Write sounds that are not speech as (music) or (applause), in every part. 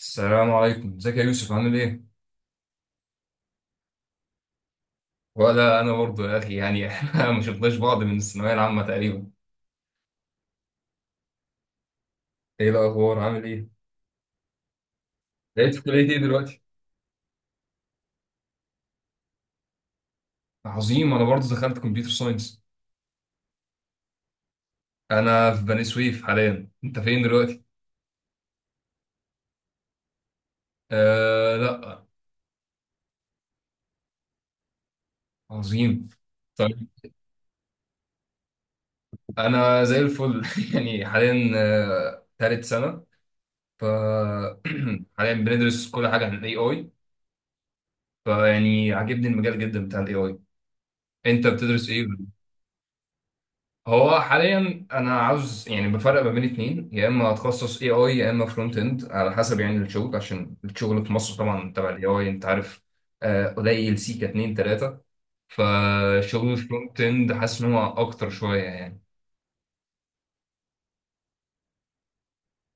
السلام عليكم، ازيك يا يوسف؟ عامل ايه؟ ولا انا برضو يا اخي، يعني (laughs) احنا ما شفناش بعض من الثانويه العامه تقريبا. ايه الاخبار؟ عامل ايه؟ بقيت في كليه ايه دلوقتي؟ عظيم، انا برضو دخلت كمبيوتر ساينس. انا في بني سويف حاليا، انت فين دلوقتي؟ آه، لا. عظيم. طيب، انا زي الفل (laughs) يعني حاليا. آه، تالت سنه. ف (clears throat) حاليا بندرس كل حاجه عن الاي اي. فيعني عاجبني المجال جدا بتاع الاي اي. انت بتدرس ايه؟ هو حاليا انا عاوز، يعني بفرق ما بين اتنين، يا اما اتخصص اي اي يا اما فرونت اند، على حسب يعني الشغل، عشان الشغل في مصر طبعا تبع الاي اي انت عارف. قليل سيكا اتنين تلاتة. فشغل الفرونت اند حاسس ان هو اكتر شوية يعني.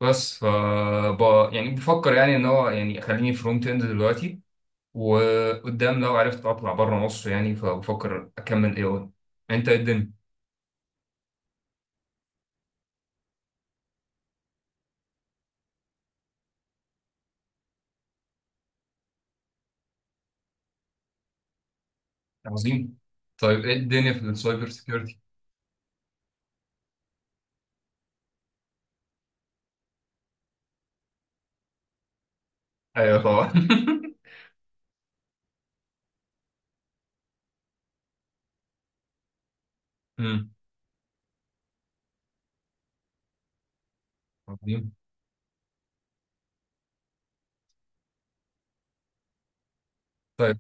بس يعني بفكر، يعني ان هو يعني خليني فرونت اند دلوقتي، وقدام لو عرفت اطلع بره مصر يعني، فبفكر اكمل اي اي. انت ايه الدنيا؟ عظيم. طيب، ايه الدنيا في السايبر سيكيورتي؟ ايوه طبعا (laughs) مم. عظيم. طيب،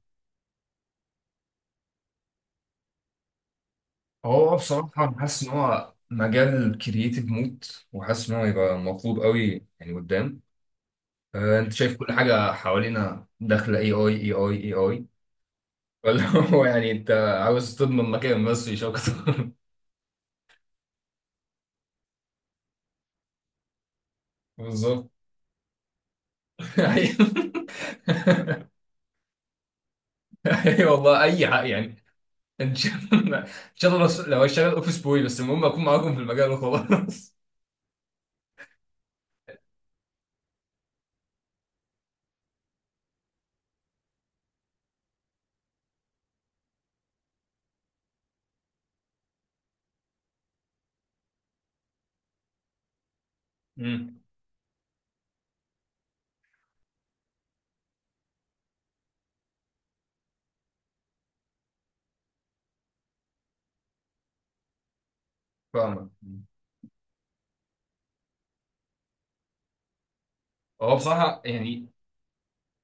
هو بصراحة أنا حاسس إن هو مجال كرييتيف موت، وحاسس إن هو يبقى مطلوب قوي يعني قدام. آه، أنت شايف كل حاجة حوالينا داخلة أي أي أي أي أي أي. ولا (laughs) هو يعني أنت عاوز تضمن مكان بس مش أكتر. (laughs) بالظبط. (laughs) أيوه. أيوه والله، أي حق يعني. إن شاء الله إن شاء الله، لو هشتغل أوفيس بوي بس المهم أكون معاكم في المجال وخلاص. (laughs) أمم، فاهمك. هو بصراحة يعني،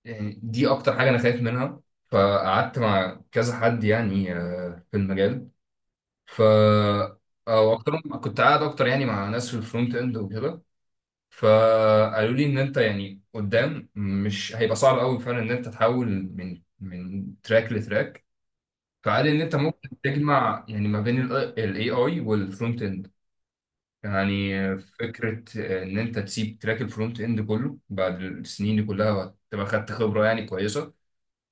آه، دي اكتر حاجه انا خايف منها. فقعدت مع كذا حد يعني في المجال. ف او اكترهم كنت قاعد اكتر يعني مع ناس في الفرونت اند وكده. فقالوا لي ان انت يعني قدام مش هيبقى صعب قوي فعلا ان انت تحول من تراك لتراك. فقال لي ان انت ممكن تجمع يعني ما بين الاي اي والفرونت اند يعني. فكره ان انت تسيب تراك الفرونت اند كله، بعد السنين دي كلها تبقى خدت خبره يعني كويسه،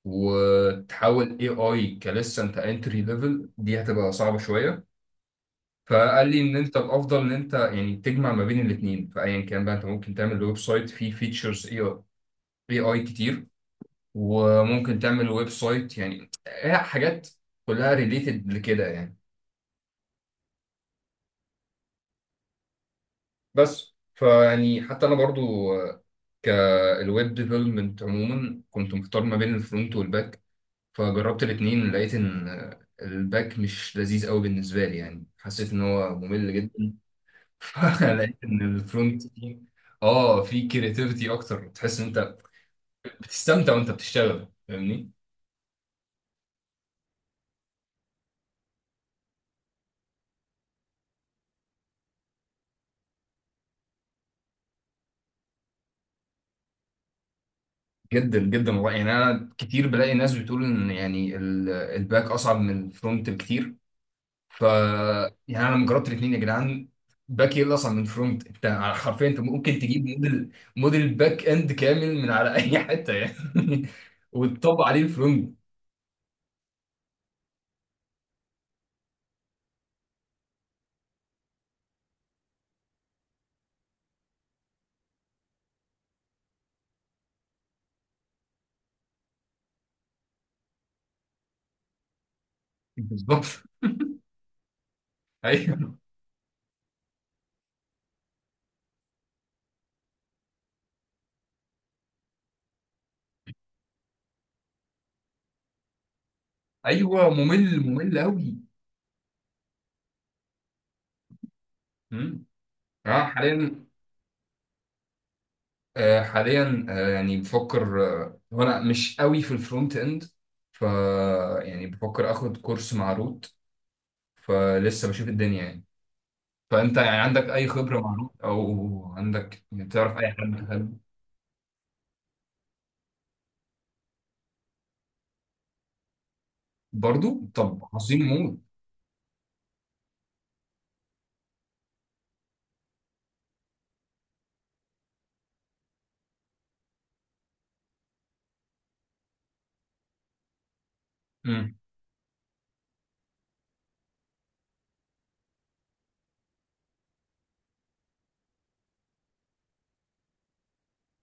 وتحول اي اي، كلسه انت انتري ليفل دي هتبقى صعبه شويه. فقال لي ان انت الافضل ان انت يعني تجمع ما بين الاثنين، فايا كان بقى انت ممكن تعمل ويب سايت فيه فيتشرز اي اي كتير، وممكن تعمل ويب سايت، يعني هي حاجات كلها ريليتد لكده يعني. بس فيعني حتى انا برضو كالويب ديفلوبمنت عموما كنت محتار ما بين الفرونت والباك. فجربت الاتنين، لقيت ان الباك مش لذيذ قوي بالنسبه لي، يعني حسيت ان هو ممل جدا. (laughs) فلقيت ان الفرونت تيم، اه، في كرياتيفيتي اكتر، تحس ان انت بتستمتع وانت بتشتغل، فاهمني. جدا جدا والله، يعني انا كتير بلاقي ناس بتقول ان يعني الباك اصعب من الفرونت بكتير. ف يعني انا لما جربت الاثنين يا جدعان، باك ايه اصلا من فرونت انت؟ حرفيا انت ممكن تجيب موديل باك اند كامل من على اي حته، يعني (laughs) وتطبق عليه الفرونت. بالظبط. ايوه. ايوه، ممل ممل قوي. مم. اه حاليا. آه حاليا، يعني بفكر، هو انا مش قوي في الفرونت اند. ف يعني بفكر اخد كورس مع روت، فلسه بشوف الدنيا يعني. فانت يعني عندك اي خبره معلومه، او عندك يعني تعرف اي حد حلو؟ برضو، طب عظيم موت. امم.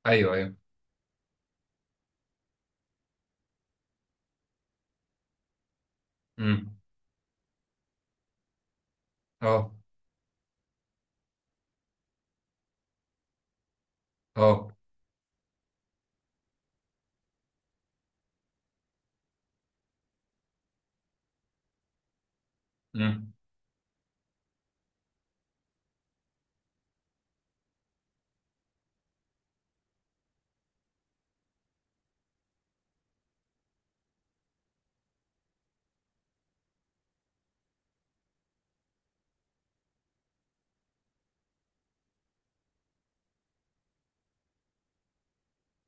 ايوه ايوه. امم. اه اه. امم.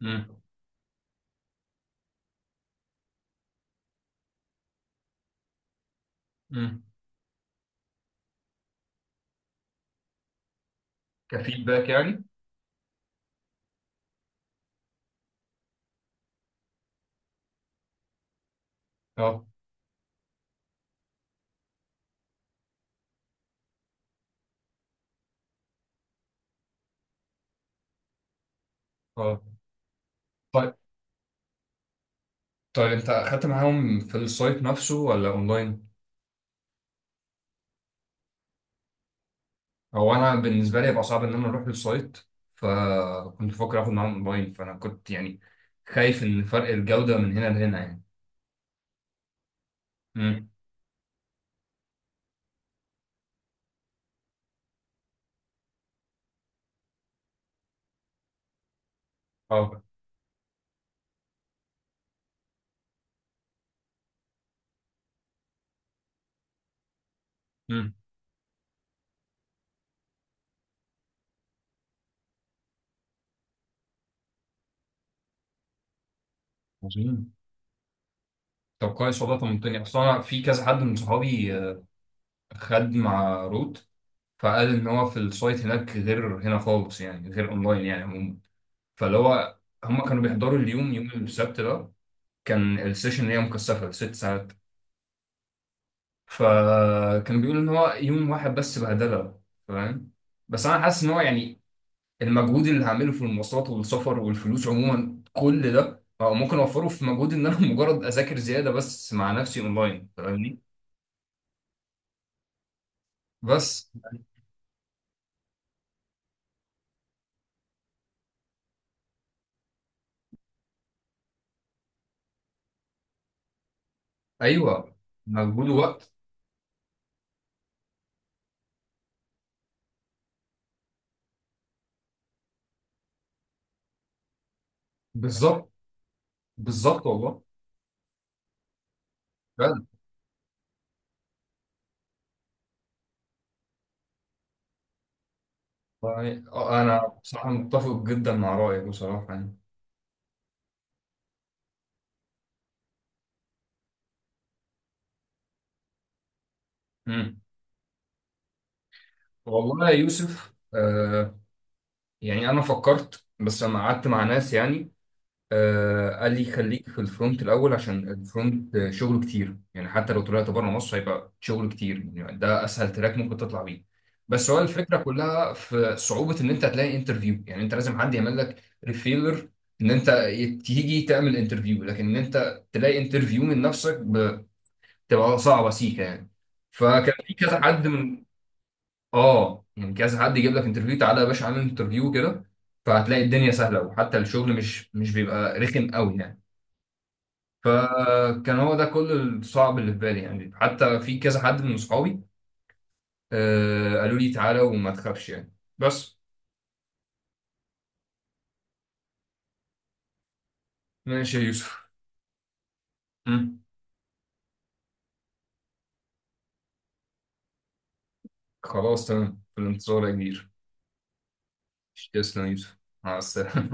امم. امم. كفيدباك يعني. اه اه. طيب طيب، انت اخدت معاهم في السايت نفسه ولا اونلاين؟ هو انا بالنسبه لي هيبقى صعب ان انا اروح للسايت، فكنت بفكر اخد معاهم اونلاين، فانا كنت يعني خايف ان فرق الجوده من هنا لهنا يعني. امم. اه. امم. عظيم. طب كويس والله، طمنتني، اصل انا في كذا حد من صحابي خد مع روت، فقال ان هو في السايت هناك غير هنا خالص يعني، غير اونلاين يعني عموما. فاللي هو، هم كانوا بيحضروا اليوم يوم السبت ده كان السيشن اللي هي مكثفه لـ 6 ساعات. فكان بيقول ان هو يوم واحد بس بهدله. فاهم. بس انا حاسس ان هو يعني المجهود اللي هعمله في المواصلات والسفر والفلوس عموما، كل ده أو ممكن اوفره في مجهود ان انا (laughs) مجرد اذاكر زياده بس مع نفسي اونلاين، فاهمني. بس. ايوه، مجهود ووقت. بالظبط بالظبط والله. فعلا يعني، انا بصراحه متفق جدا مع رايك بصراحه يعني. امم. والله يا يوسف، يعني انا فكرت بس لما قعدت مع ناس يعني، آه قال لي خليك في الفرونت الاول، عشان الفرونت شغله كتير يعني، حتى لو طلعت بره مصر هيبقى شغل كتير يعني، ده اسهل تراك ممكن تطلع بيه. بس هو الفكره كلها في صعوبه ان انت تلاقي انترفيو، يعني انت لازم حد يعمل لك ريفيلر ان انت تيجي تعمل انترفيو، لكن ان انت تلاقي انترفيو من نفسك بتبقى صعبه سيكه يعني. فكان في كذا حد من، اه يعني كذا حد يجيب لك انترفيو، تعالى يا باشا اعمل انترفيو كده، فهتلاقي الدنيا سهله، وحتى الشغل مش بيبقى رخم قوي يعني. فكان هو ده كل الصعب اللي في بالي يعني، حتى في كذا حد من صحابي آه قالوا لي تعالى وما تخافش يعني بس. ماشي يا يوسف. مم. خلاص تمام، في الانتظار يا كبير. تسلم يا يوسف. مع السلامة.